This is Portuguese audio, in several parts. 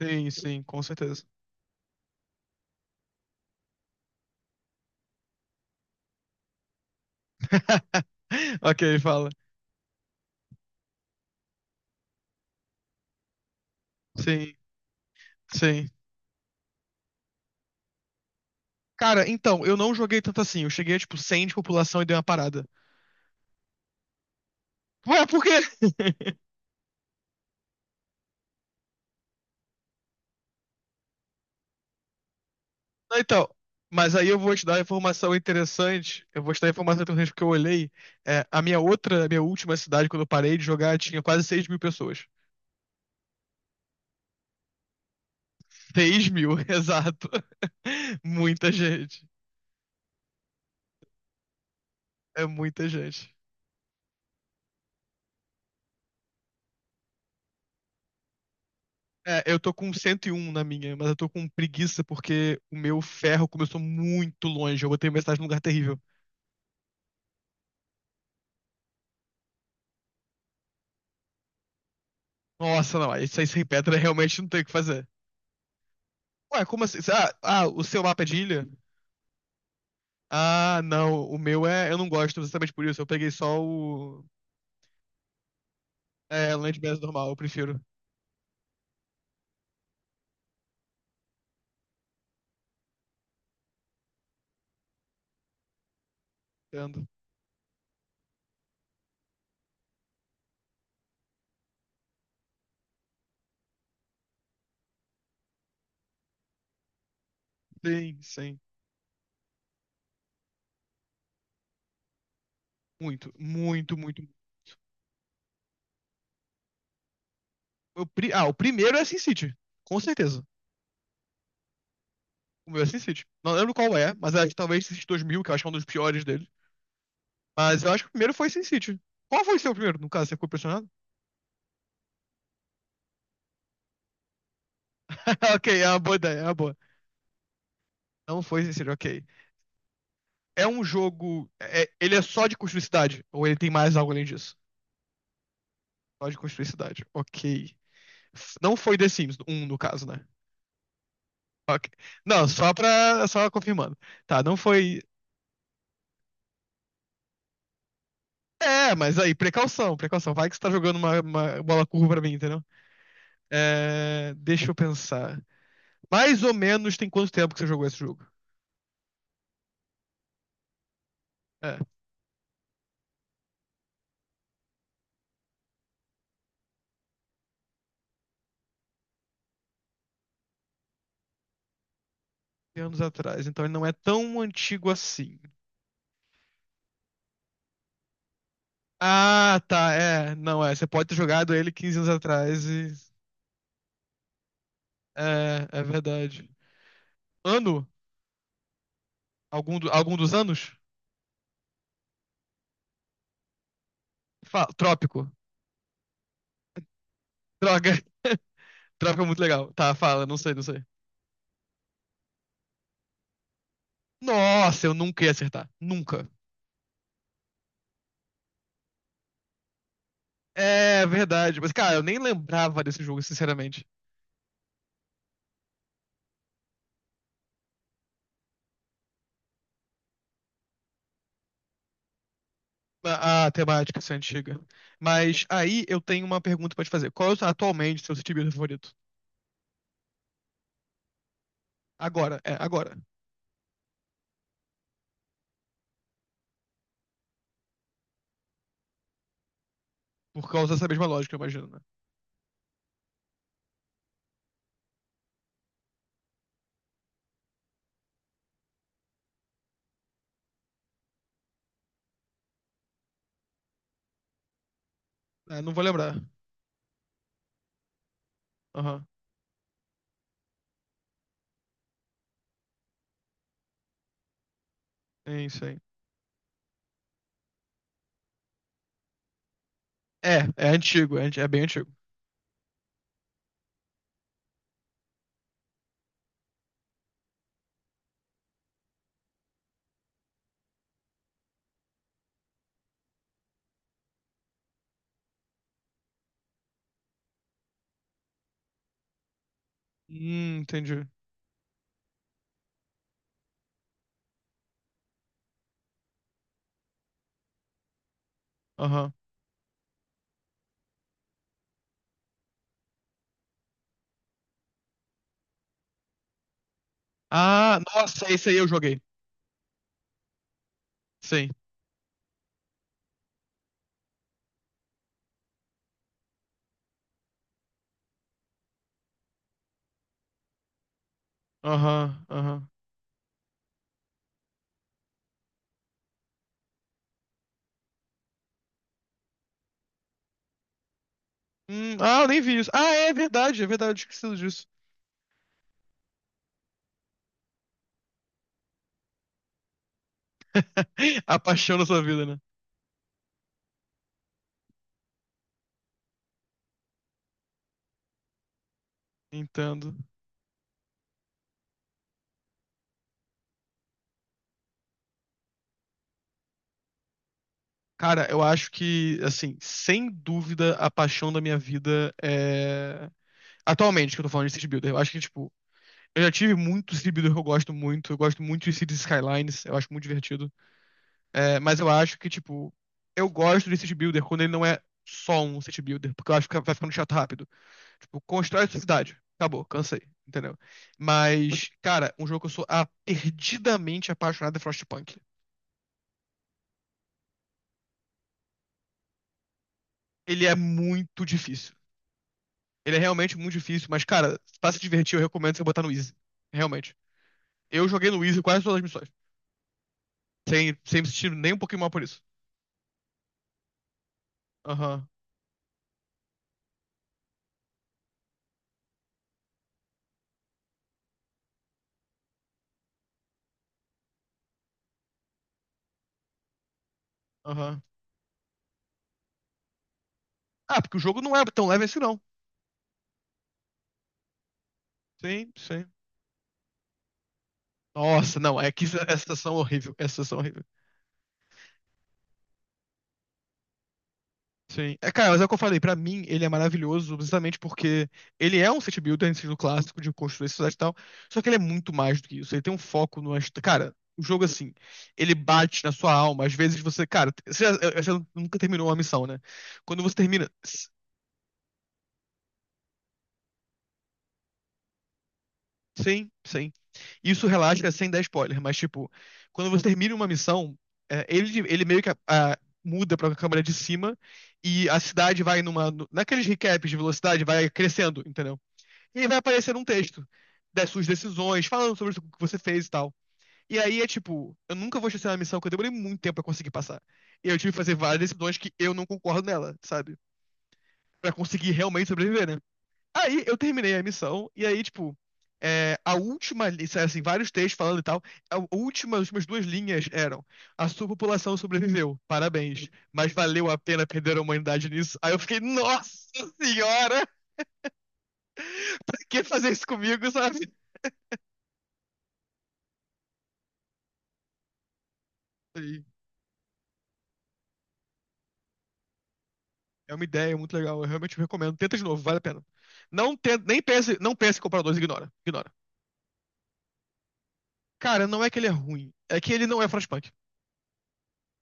Sim, sim, com certeza. Ok, fala. Sim, sim. Cara, então, eu não joguei tanto assim. Eu cheguei a, tipo, 100 de população e dei uma parada. Ué, por quê? Não, então, mas aí eu vou te dar uma informação interessante. Eu vou te dar a informação interessante porque eu olhei. É, a minha outra, a minha última cidade, quando eu parei de jogar, tinha quase 6.000 pessoas. 6.000, exato. Muita gente. É muita gente. É, eu tô com 101 na minha, mas eu tô com preguiça porque o meu ferro começou muito longe. Eu botei metade num lugar terrível. Nossa, não, isso aí sem pedra realmente não tem o que fazer. Ué, como assim? Ah, o seu mapa é de ilha? Ah, não, o meu é. Eu não gosto exatamente por isso. Eu peguei só o. É, Land Mass normal, eu prefiro. Entendo. Sim, sim. Muito, muito, muito. Ah, o primeiro é SimCity, com certeza. O meu é SimCity. Não lembro qual é, mas é talvez SimCity 2000, que eu acho que é um dos piores deles. Mas eu acho que o primeiro foi Sin City. Qual foi o seu primeiro, no caso? Você ficou impressionado? Ok, é uma boa ideia, é uma boa. Não foi Sin City, ok. É um jogo. Ele é só de construir cidade? Ou ele tem mais algo além disso? Só de construir cidade, ok. Não foi The Sims um no caso, né? Ok. Não, só pra. Só confirmando. Tá, não foi. É, mas aí, precaução, precaução. Vai que você tá jogando uma bola curva pra mim, entendeu? É, deixa eu pensar. Mais ou menos tem quanto tempo que você jogou esse jogo? É. Anos atrás, então ele não é tão antigo assim. Ah, tá, é. Não, é. Você pode ter jogado ele 15 anos atrás e. É, é verdade. Ano? Algum dos anos? Trópico. Droga. Trópico é muito legal. Tá, fala, não sei, não sei. Nossa, eu nunca ia acertar. Nunca. É verdade. Mas, cara, eu nem lembrava desse jogo, sinceramente. A temática assim, antiga. Mas aí eu tenho uma pergunta pra te fazer. Atualmente, seu Steve favorito? Agora, é, agora. Por causa dessa mesma lógica, eu imagino, né? É, não vou lembrar. Aham. É isso aí. É, é bem antigo. Entendi. Aham. Ah, nossa, esse aí eu joguei. Sim. Aham, aham. Ah, eu nem vi isso. Ah, é verdade, eu esqueci disso. A paixão da sua vida, né? Entendo. Cara, eu acho que, assim, sem dúvida, a paixão da minha vida é. Atualmente, que eu tô falando de City Builder, eu acho que, tipo, eu já tive muito City Builder que eu gosto muito. Eu gosto muito de Cities Skylines, eu acho muito divertido. É, mas eu acho que, tipo, eu gosto de city builder quando ele não é só um city builder, porque eu acho que vai ficando chato rápido. Tipo, constrói sua cidade. Acabou, cansei, entendeu? Mas, cara, um jogo que eu sou perdidamente apaixonado é Frostpunk. Ele é muito difícil. Ele é realmente muito difícil, mas, cara, pra se divertir, eu recomendo você botar no Easy. Realmente. Eu joguei no Easy quase todas as missões. Sem me sentir nem um pouquinho mal por isso. Aham, aham. Ah, porque o jogo não é tão leve assim, não. Sim, sim. Nossa, não, é que essa situação é horrível, essa situação é horrível. Sim. É, cara, mas é o que eu falei, pra mim ele é maravilhoso precisamente porque ele é um city builder no estilo clássico de construir cidade e tal, só que ele é muito mais do que isso, ele tem um foco no... Cara, o jogo assim, ele bate na sua alma, às vezes você, cara, você nunca terminou uma missão, né? Quando você termina, sim, sim. Isso relaxa sem dar spoiler, mas tipo, quando você termina uma missão, é, ele meio que muda pra câmera de cima e a cidade vai numa. No- Naqueles recaps de velocidade, vai crescendo, entendeu? E aí vai aparecer um texto das suas decisões, falando sobre o que você fez e tal. E aí é tipo, eu nunca vou esquecer uma missão que eu demorei muito tempo pra conseguir passar. E eu tive que fazer várias decisões que eu não concordo nela, sabe? Pra conseguir realmente sobreviver, né? Aí eu terminei a missão, e aí, tipo, é, assim, vários textos falando e tal, a última, as últimas duas linhas eram: a sua população sobreviveu, parabéns, mas valeu a pena perder a humanidade nisso. Aí eu fiquei, nossa senhora, pra que fazer isso comigo, sabe? E É uma ideia muito legal, eu realmente recomendo. Tenta de novo, vale a pena. Não tenta, nem pense, não pense em comprar o dois, ignora, ignora. Cara, não é que ele é ruim, é que ele não é Frostpunk.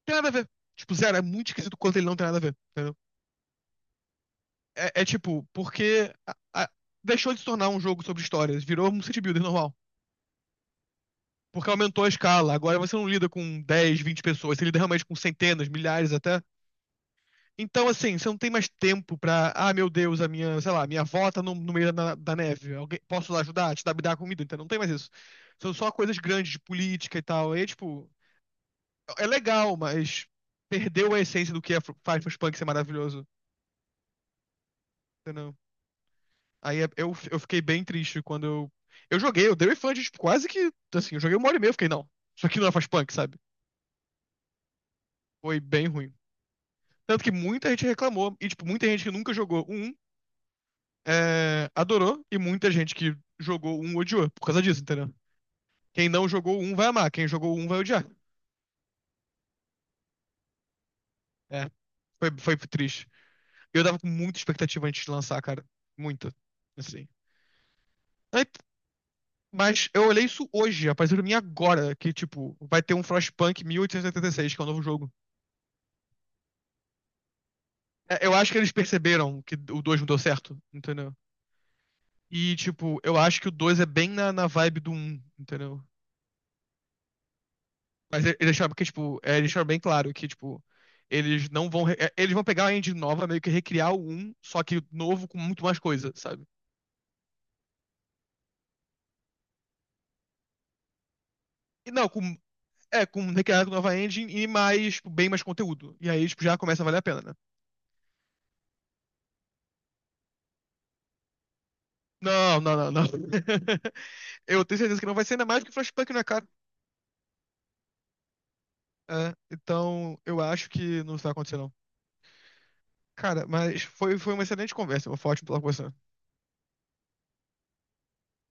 Tem nada a ver. Tipo, zero, é muito esquisito quanto ele não tem nada a ver, entendeu? É, é tipo, porque a- deixou de se tornar um jogo sobre histórias, virou um city builder normal. Porque aumentou a escala. Agora você não lida com 10, 20 pessoas, você lida realmente com centenas, milhares até. Então, assim, você não tem mais tempo pra. Ah, meu Deus, a minha, sei lá, minha avó tá no meio da neve. Alguém, posso lá ajudar? Te dar, me dar comida? Então, não tem mais isso. São só coisas grandes de política e tal. E, tipo, é legal, mas perdeu a essência do que é Firefly Punk ser maravilhoso. Entendeu? Aí eu fiquei bem triste quando eu. Eu joguei, eu dei o refund, tipo, quase que. Assim, eu joguei uma hora e meia, eu fiquei, não. Isso aqui não é Frostpunk, sabe? Foi bem ruim. Tanto que muita gente reclamou, e, tipo, muita gente que nunca jogou um adorou, e muita gente que jogou um odiou, por causa disso, entendeu? Quem não jogou um vai amar, quem jogou um vai odiar. É, foi triste. Eu dava com muita expectativa antes de lançar, cara. Muita. Assim. Aí, mas eu olhei isso hoje, apareceu pra mim agora, que, tipo, vai ter um Frostpunk 1886, que é o novo jogo. É, eu acho que eles perceberam que o 2 não deu certo, entendeu? E, tipo, eu acho que o 2 é bem na vibe do um, entendeu? Mas eles deixaram, porque, tipo, é, eles deixaram bem claro que, tipo, eles não vão. Eles vão pegar a engine nova, meio que recriar o um, só que novo com muito mais coisa, sabe? E não, com. É, com recriar com nova engine e mais, tipo, bem mais conteúdo. E aí, tipo, já começa a valer a pena, né? Não, não, não, não. Eu tenho certeza que não vai ser ainda mais porque Flashpunk não é caro. É, então, eu acho que não vai acontecer, não. Cara, mas foi uma excelente conversa. Foi ótimo falar com você.